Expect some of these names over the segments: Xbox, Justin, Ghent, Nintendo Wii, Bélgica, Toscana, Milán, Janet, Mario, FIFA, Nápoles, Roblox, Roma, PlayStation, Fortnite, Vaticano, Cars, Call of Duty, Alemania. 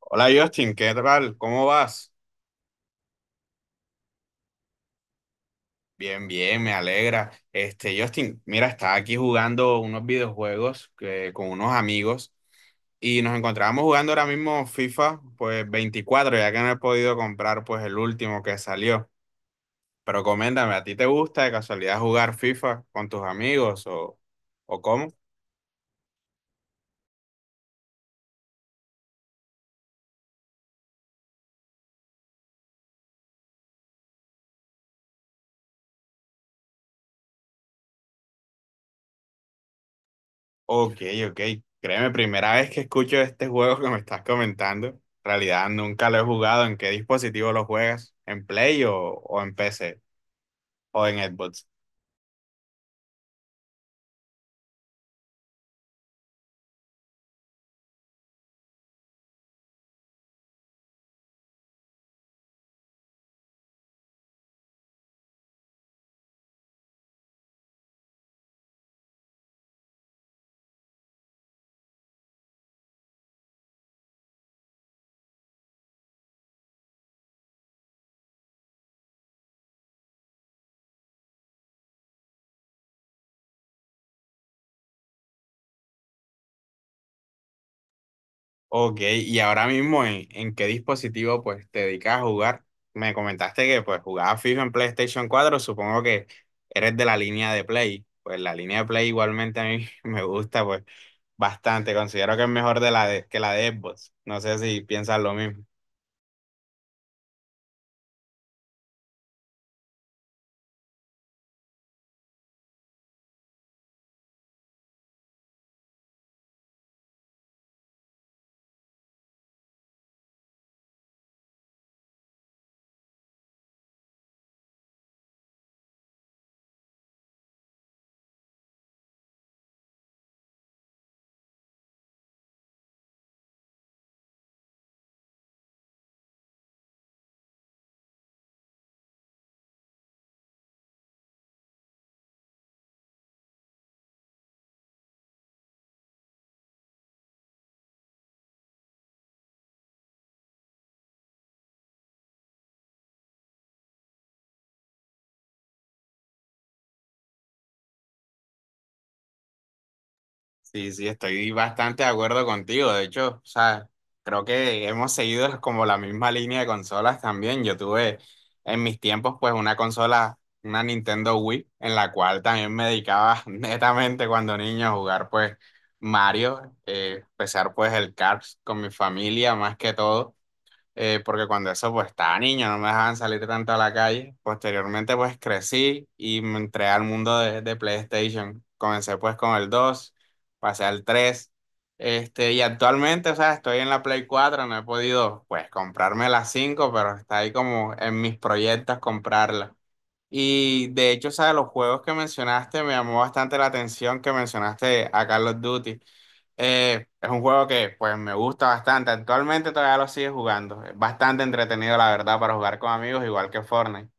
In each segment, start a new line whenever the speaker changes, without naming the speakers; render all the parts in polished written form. Hola Justin, ¿qué tal? ¿Cómo vas? Bien, bien, me alegra. Este, Justin, mira, estaba aquí jugando unos videojuegos con unos amigos y nos encontrábamos jugando ahora mismo FIFA, pues 24, ya que no he podido comprar pues el último que salió. Pero coméntame, ¿a ti te gusta de casualidad jugar FIFA con tus amigos o cómo? Ok, ok. Créeme, primera vez que escucho este juego que me estás comentando. En realidad nunca lo he jugado. ¿En qué dispositivo lo juegas? ¿En Play o en PC o en Xbox? Ok, y ahora mismo ¿en qué dispositivo pues te dedicas a jugar? Me comentaste que pues jugabas FIFA en PlayStation 4. Supongo que eres de la línea de Play. Pues la línea de Play igualmente a mí me gusta pues bastante. Considero que es mejor que la de Xbox. No sé si piensas lo mismo. Sí, sí, estoy bastante de acuerdo contigo. De hecho, o sea, creo que hemos seguido como la misma línea de consolas también. Yo tuve en mis tiempos pues una consola, una Nintendo Wii, en la cual también me dedicaba netamente cuando niño a jugar pues Mario, empezar pues el Cars con mi familia más que todo porque cuando eso pues estaba niño, no me dejaban salir tanto a la calle. Posteriormente pues crecí y me entré al mundo de PlayStation. Comencé pues con el dos, pasé al tres. Este, y actualmente, o sea, estoy en la Play cuatro, no he podido pues comprarme la cinco, pero está ahí como en mis proyectos comprarla. Y de hecho, ¿sabes? Los juegos que mencionaste, me llamó bastante la atención que mencionaste a Call of Duty. Es un juego que pues me gusta bastante. Actualmente todavía lo sigue jugando. Es bastante entretenido, la verdad, para jugar con amigos, igual que Fortnite.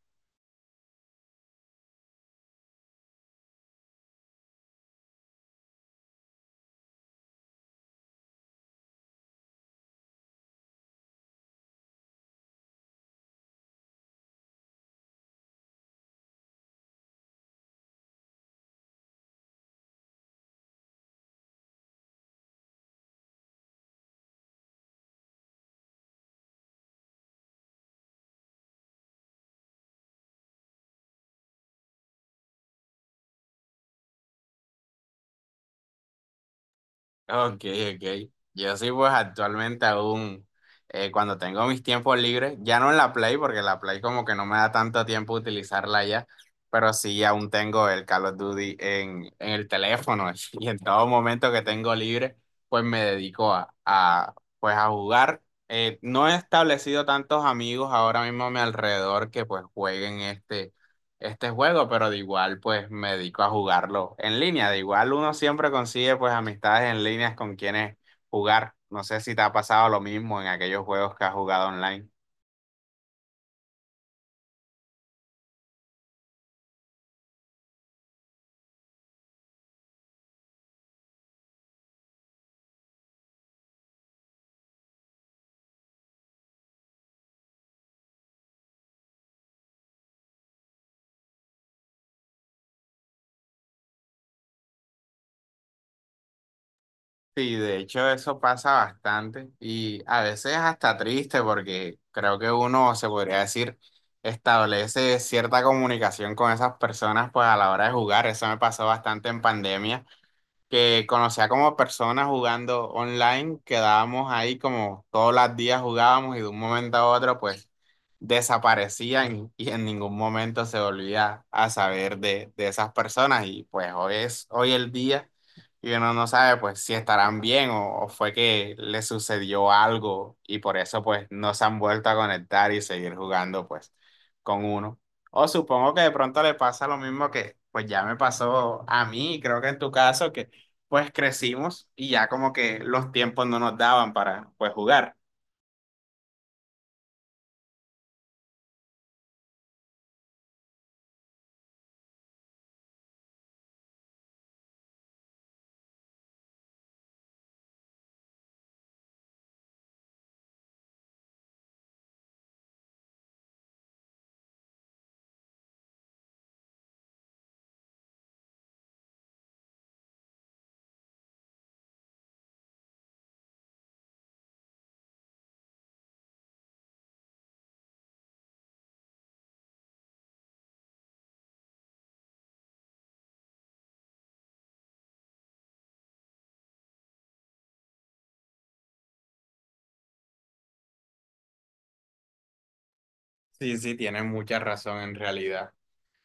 Ok, ok. Yo sí, pues actualmente aún, cuando tengo mis tiempos libres, ya no en la Play, porque la Play como que no me da tanto tiempo utilizarla ya, pero sí aún tengo el Call of Duty en el teléfono y en todo momento que tengo libre, pues me dedico pues a jugar. No he establecido tantos amigos ahora mismo a mi alrededor que pues jueguen este juego, pero de igual pues me dedico a jugarlo en línea. De igual uno siempre consigue pues amistades en líneas con quienes jugar. No sé si te ha pasado lo mismo en aquellos juegos que has jugado online. Sí, de hecho eso pasa bastante y a veces hasta triste porque creo que uno se podría decir establece cierta comunicación con esas personas pues a la hora de jugar. Eso me pasó bastante en pandemia, que conocía como personas jugando online, quedábamos ahí como todos los días jugábamos y de un momento a otro pues desaparecían y en ningún momento se volvía a saber de esas personas, y pues hoy es hoy el día y uno no sabe pues si estarán bien o fue que le sucedió algo y por eso pues no se han vuelto a conectar y seguir jugando pues con uno. O supongo que de pronto le pasa lo mismo que pues ya me pasó a mí, y creo que en tu caso que pues crecimos y ya como que los tiempos no nos daban para pues jugar. Sí, sí, tienes mucha razón en realidad.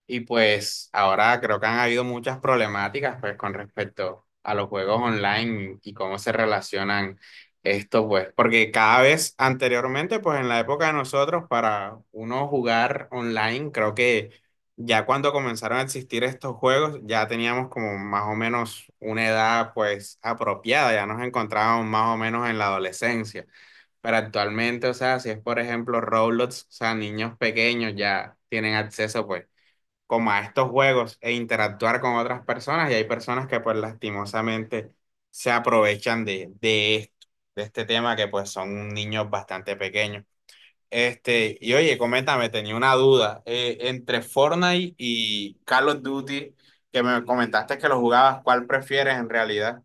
Y pues ahora creo que han habido muchas problemáticas pues con respecto a los juegos online y cómo se relacionan estos pues, porque cada vez anteriormente pues en la época de nosotros para uno jugar online, creo que ya cuando comenzaron a existir estos juegos ya teníamos como más o menos una edad pues apropiada, ya nos encontrábamos más o menos en la adolescencia. Pero actualmente, o sea, si es por ejemplo Roblox, o sea, niños pequeños ya tienen acceso pues como a estos juegos e interactuar con otras personas, y hay personas que pues lastimosamente se aprovechan de esto, de este tema que pues son niños bastante pequeños. Este, y oye, coméntame, tenía una duda. Eh, entre Fortnite y Call of Duty, que me comentaste que lo jugabas, ¿cuál prefieres en realidad?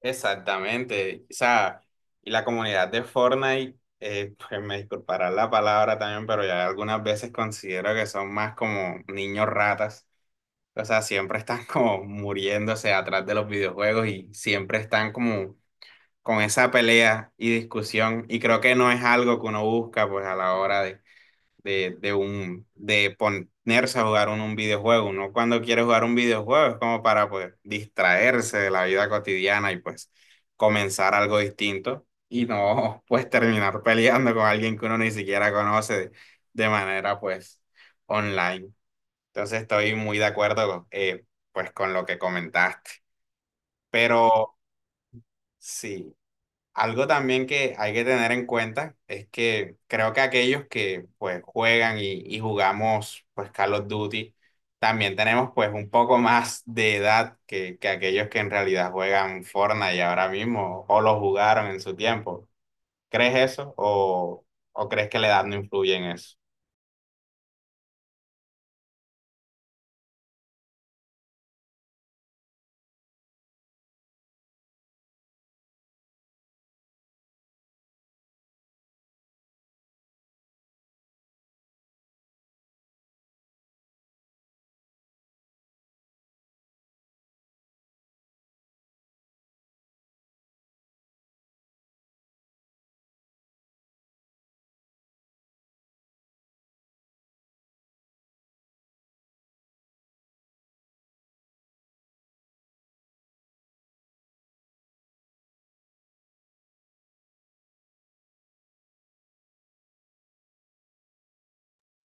Exactamente, o sea, y la comunidad de Fortnite, pues me disculpará la palabra también, pero ya algunas veces considero que son más como niños ratas. O sea, siempre están como muriéndose atrás de los videojuegos y siempre están como con esa pelea y discusión. Y creo que no es algo que uno busca pues a la hora de ponerse a jugar un videojuego. Uno cuando quiere jugar un videojuego es como para pues distraerse de la vida cotidiana y pues comenzar algo distinto y no pues terminar peleando con alguien que uno ni siquiera conoce de manera pues online. Entonces estoy muy de acuerdo, pues con lo que comentaste. Pero sí, algo también que hay que tener en cuenta es que creo que aquellos que pues juegan y jugamos pues Call of Duty, también tenemos pues un poco más de edad que aquellos que en realidad juegan Fortnite ahora mismo o lo jugaron en su tiempo. ¿Crees eso o crees que la edad no influye en eso?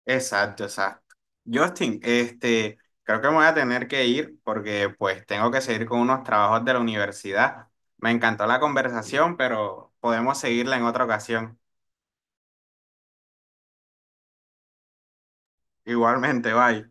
Exacto, exacto. Justin, este, creo que me voy a tener que ir porque pues tengo que seguir con unos trabajos de la universidad. Me encantó la conversación, pero podemos seguirla en otra ocasión. Igualmente, bye.